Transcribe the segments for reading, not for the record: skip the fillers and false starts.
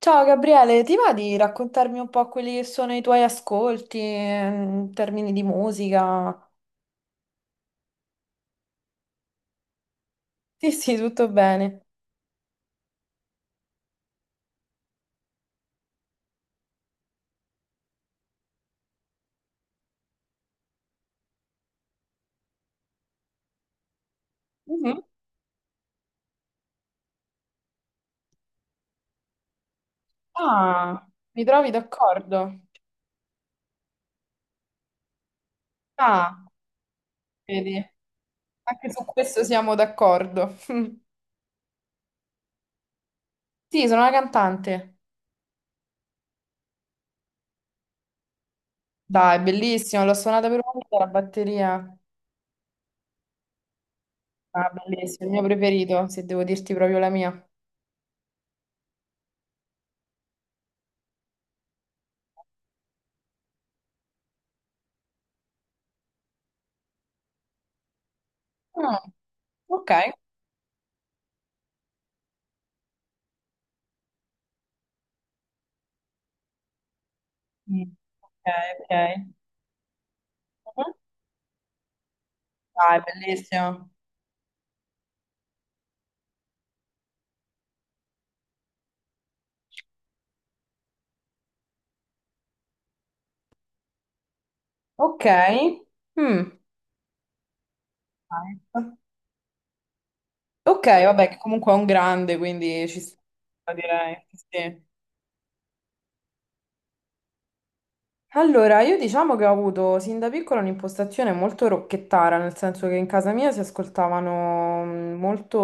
Ciao Gabriele, ti va di raccontarmi un po' quelli che sono i tuoi ascolti in termini di musica? Sì, sì, tutto bene. Mhm. Ah, mi trovi d'accordo? Ah, vedi, anche su questo siamo d'accordo. Sì, sono una cantante. Dai, bellissimo, l'ho suonata per una volta la batteria. Ah, bellissimo, il mio preferito, se devo dirti proprio la mia. Ah, ok. Mm, ok, ok. Mhm. Dai, bellissimo. Ok. Mm. Ah, ecco. Ok, vabbè, che comunque è un grande, quindi ci sta, direi. Sì. Allora, io diciamo che ho avuto sin da piccola un'impostazione molto rocchettara, nel senso che in casa mia si ascoltavano molto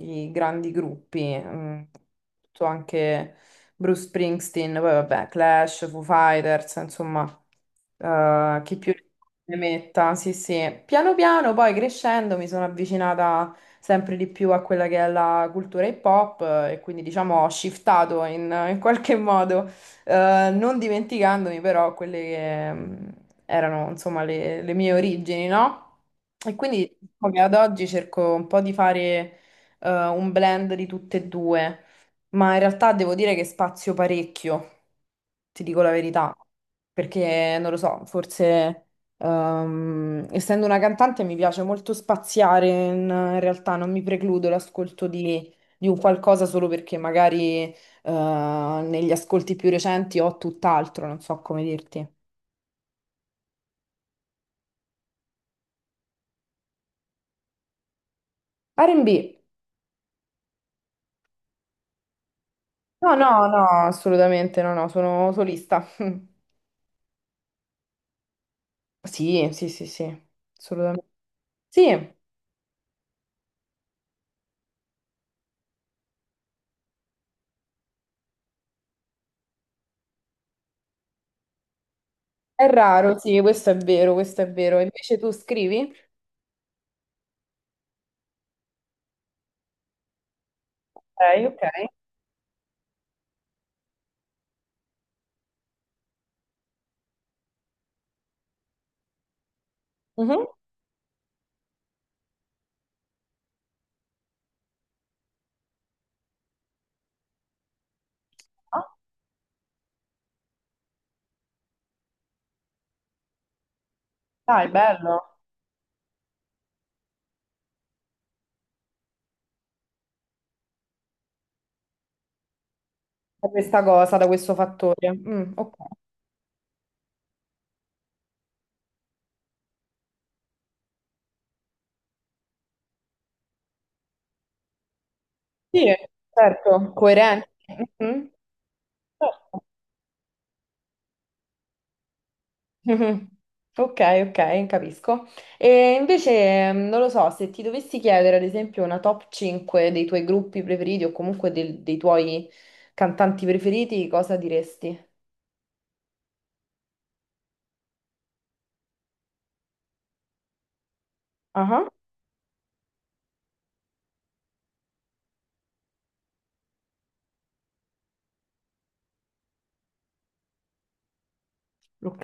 i grandi gruppi, tutto anche Bruce Springsteen, poi vabbè, Clash, Foo Fighters, insomma, chi più ne metta, sì, sì. Piano piano, poi crescendo, mi sono avvicinata sempre di più a quella che è la cultura hip hop, e quindi diciamo ho shiftato in qualche modo, non dimenticandomi però quelle che erano insomma le mie origini, no? E quindi diciamo che ad oggi cerco un po' di fare un blend di tutte e due, ma in realtà devo dire che spazio parecchio, ti dico la verità, perché non lo so, forse essendo una cantante mi piace molto spaziare; in realtà non mi precludo l'ascolto di un qualcosa solo perché magari eh, negli ascolti più recenti ho tutt'altro, non so come dirti. R&B? No, no, no, assolutamente no, no, sono solista. Sì, sì, sì, sì, assolutamente. Sì, è raro, sì, questo è vero, questo è vero. Invece tu scrivi? Ok, ok. Mhm. Ah, dai, bello. Da questa cosa, da questo fattore. Mm, ok. Sì, certo, coerente. Mhm. Certo. Mhm. Ok, ok, capisco. E invece non lo so, se ti dovessi chiedere ad esempio una top 5 dei tuoi gruppi preferiti o comunque dei tuoi cantanti preferiti, cosa diresti? Ah, ok.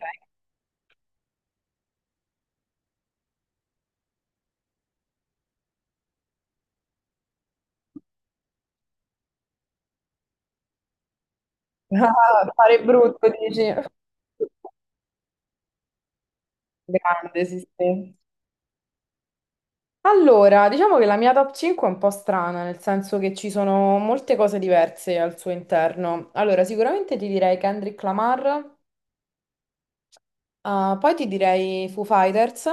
Ah, fare brutto, dici. Grande, sì, sì. Allora, diciamo che la mia top 5 è un po' strana, nel senso che ci sono molte cose diverse al suo interno. Allora, sicuramente ti direi Kendrick Lamar, poi ti direi Foo Fighters.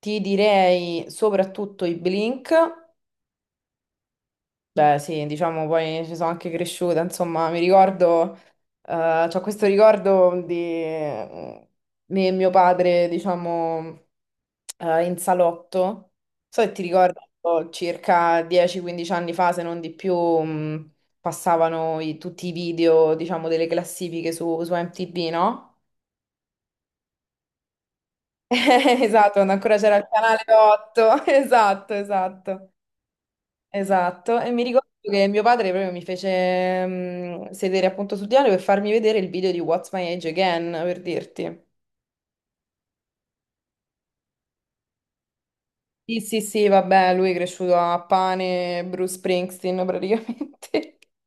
Ti direi soprattutto i Blink, beh sì, diciamo poi ci sono anche cresciuta, insomma mi ricordo, c'ho questo ricordo di me e mio padre, diciamo, in salotto, so che ti ricordo circa 10-15 anni fa, se non di più, passavano tutti i video, diciamo, delle classifiche su MTV, no? Esatto, quando ancora c'era il canale 8, esatto, esatto. Esatto, e mi ricordo che mio padre proprio mi fece sedere appunto sul divano per farmi vedere il video di What's My Age Again, per dirti. Sì, sì, sì, vabbè, lui è cresciuto a pane, Bruce Springsteen praticamente.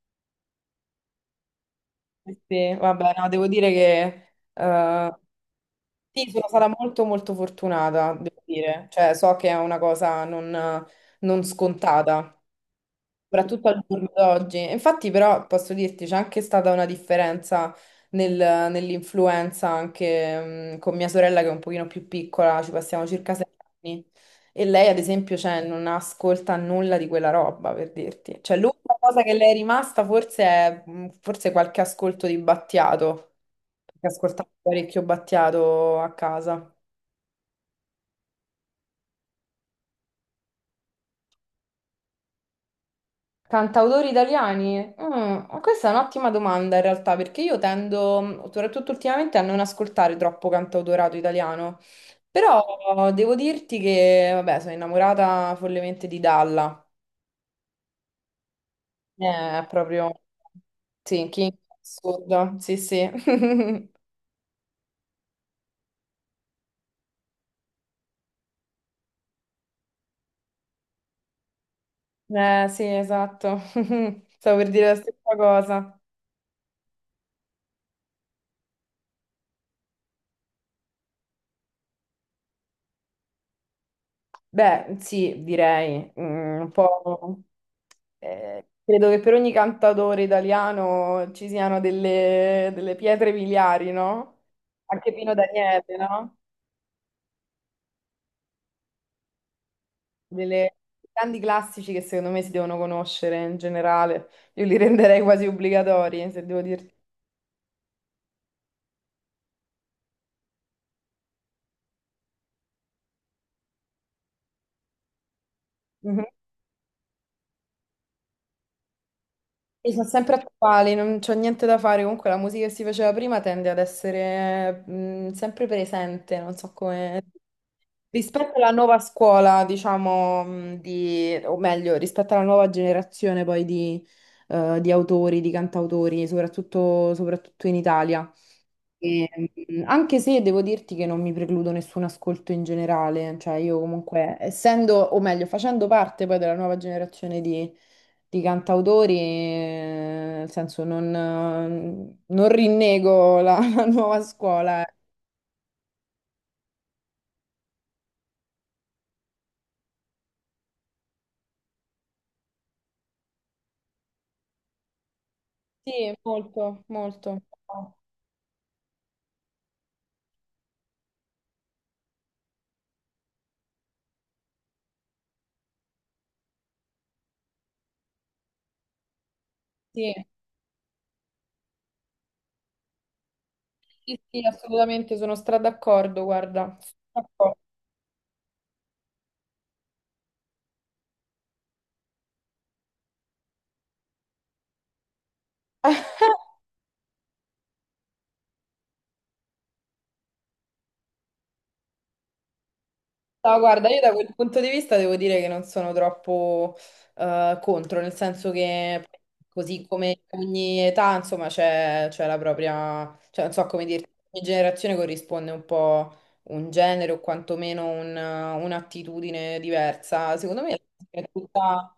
Sì, sì, vabbè, no, devo dire che sì, sono stata molto molto fortunata, devo dire. Cioè, so che è una cosa non scontata. Soprattutto al giorno d'oggi. Infatti, però, posso dirti, c'è anche stata una differenza nel- nell'influenza anche, con mia sorella che è un pochino più piccola, ci passiamo circa 6 anni. E lei, ad esempio, cioè, non ascolta nulla di quella roba, per dirti. Cioè, l'unica cosa che le è rimasta forse è, forse qualche ascolto di Battiato, perché ascoltava parecchio Battiato a casa. Cantautori italiani? Ma questa è un'ottima domanda in realtà, perché io tendo, soprattutto ultimamente, a non ascoltare troppo cantautorato italiano. Però devo dirti che, vabbè, sono innamorata follemente di Dalla. Eh, È proprio... Sì, King assurdo. Sì, sì. Sì, esatto. Stavo per dire la stessa cosa. Beh, sì, direi, un po'. Credo che per ogni cantautore italiano ci siano delle pietre miliari, no? Anche Pino Daniele, no? Delle grandi classici che secondo me si devono conoscere in generale. Io li renderei quasi obbligatori, se devo dirti. E sono sempre attuali, non c'ho niente da fare. Comunque la musica che si faceva prima tende ad essere, sempre presente, non so come. Rispetto alla nuova scuola, diciamo, di... o meglio, rispetto alla nuova generazione poi di autori, di cantautori, soprattutto, soprattutto in Italia. E, anche se devo dirti che non mi precludo nessun ascolto in generale, cioè io comunque, essendo, o meglio, facendo parte poi della nuova generazione di cantautori, nel senso non rinnego la, la nuova scuola. Sì, molto, molto. Sì, sì, sì, assolutamente sono stra d'accordo, guarda. Sono d'accordo. No, guarda, io da quel punto di vista devo dire che non sono troppo contro, nel senso che così come ogni età, insomma, c'è la propria, cioè non so come dirti, ogni generazione corrisponde un po' un genere o quantomeno un'attitudine diversa. Secondo me è tutta...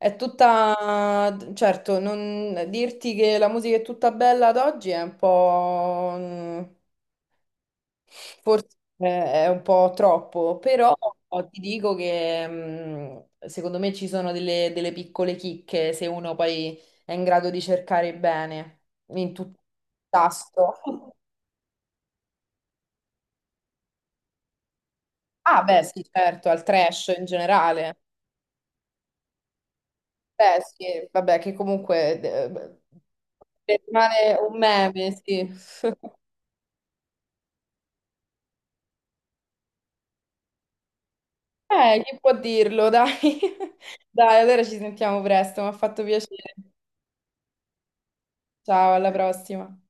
È tutta, certo, non dirti che la musica è tutta bella ad oggi è un po'... Forse è un po' troppo, però ti dico che, secondo me ci sono delle piccole chicche se uno poi è in grado di cercare bene in tutto il tasto. Ah, beh, sì, certo, al trash in generale. Beh, sì, vabbè, che comunque beh, rimane un meme, sì. Chi può dirlo, dai. Dai, allora ci sentiamo presto, mi ha fatto piacere. Ciao, alla prossima.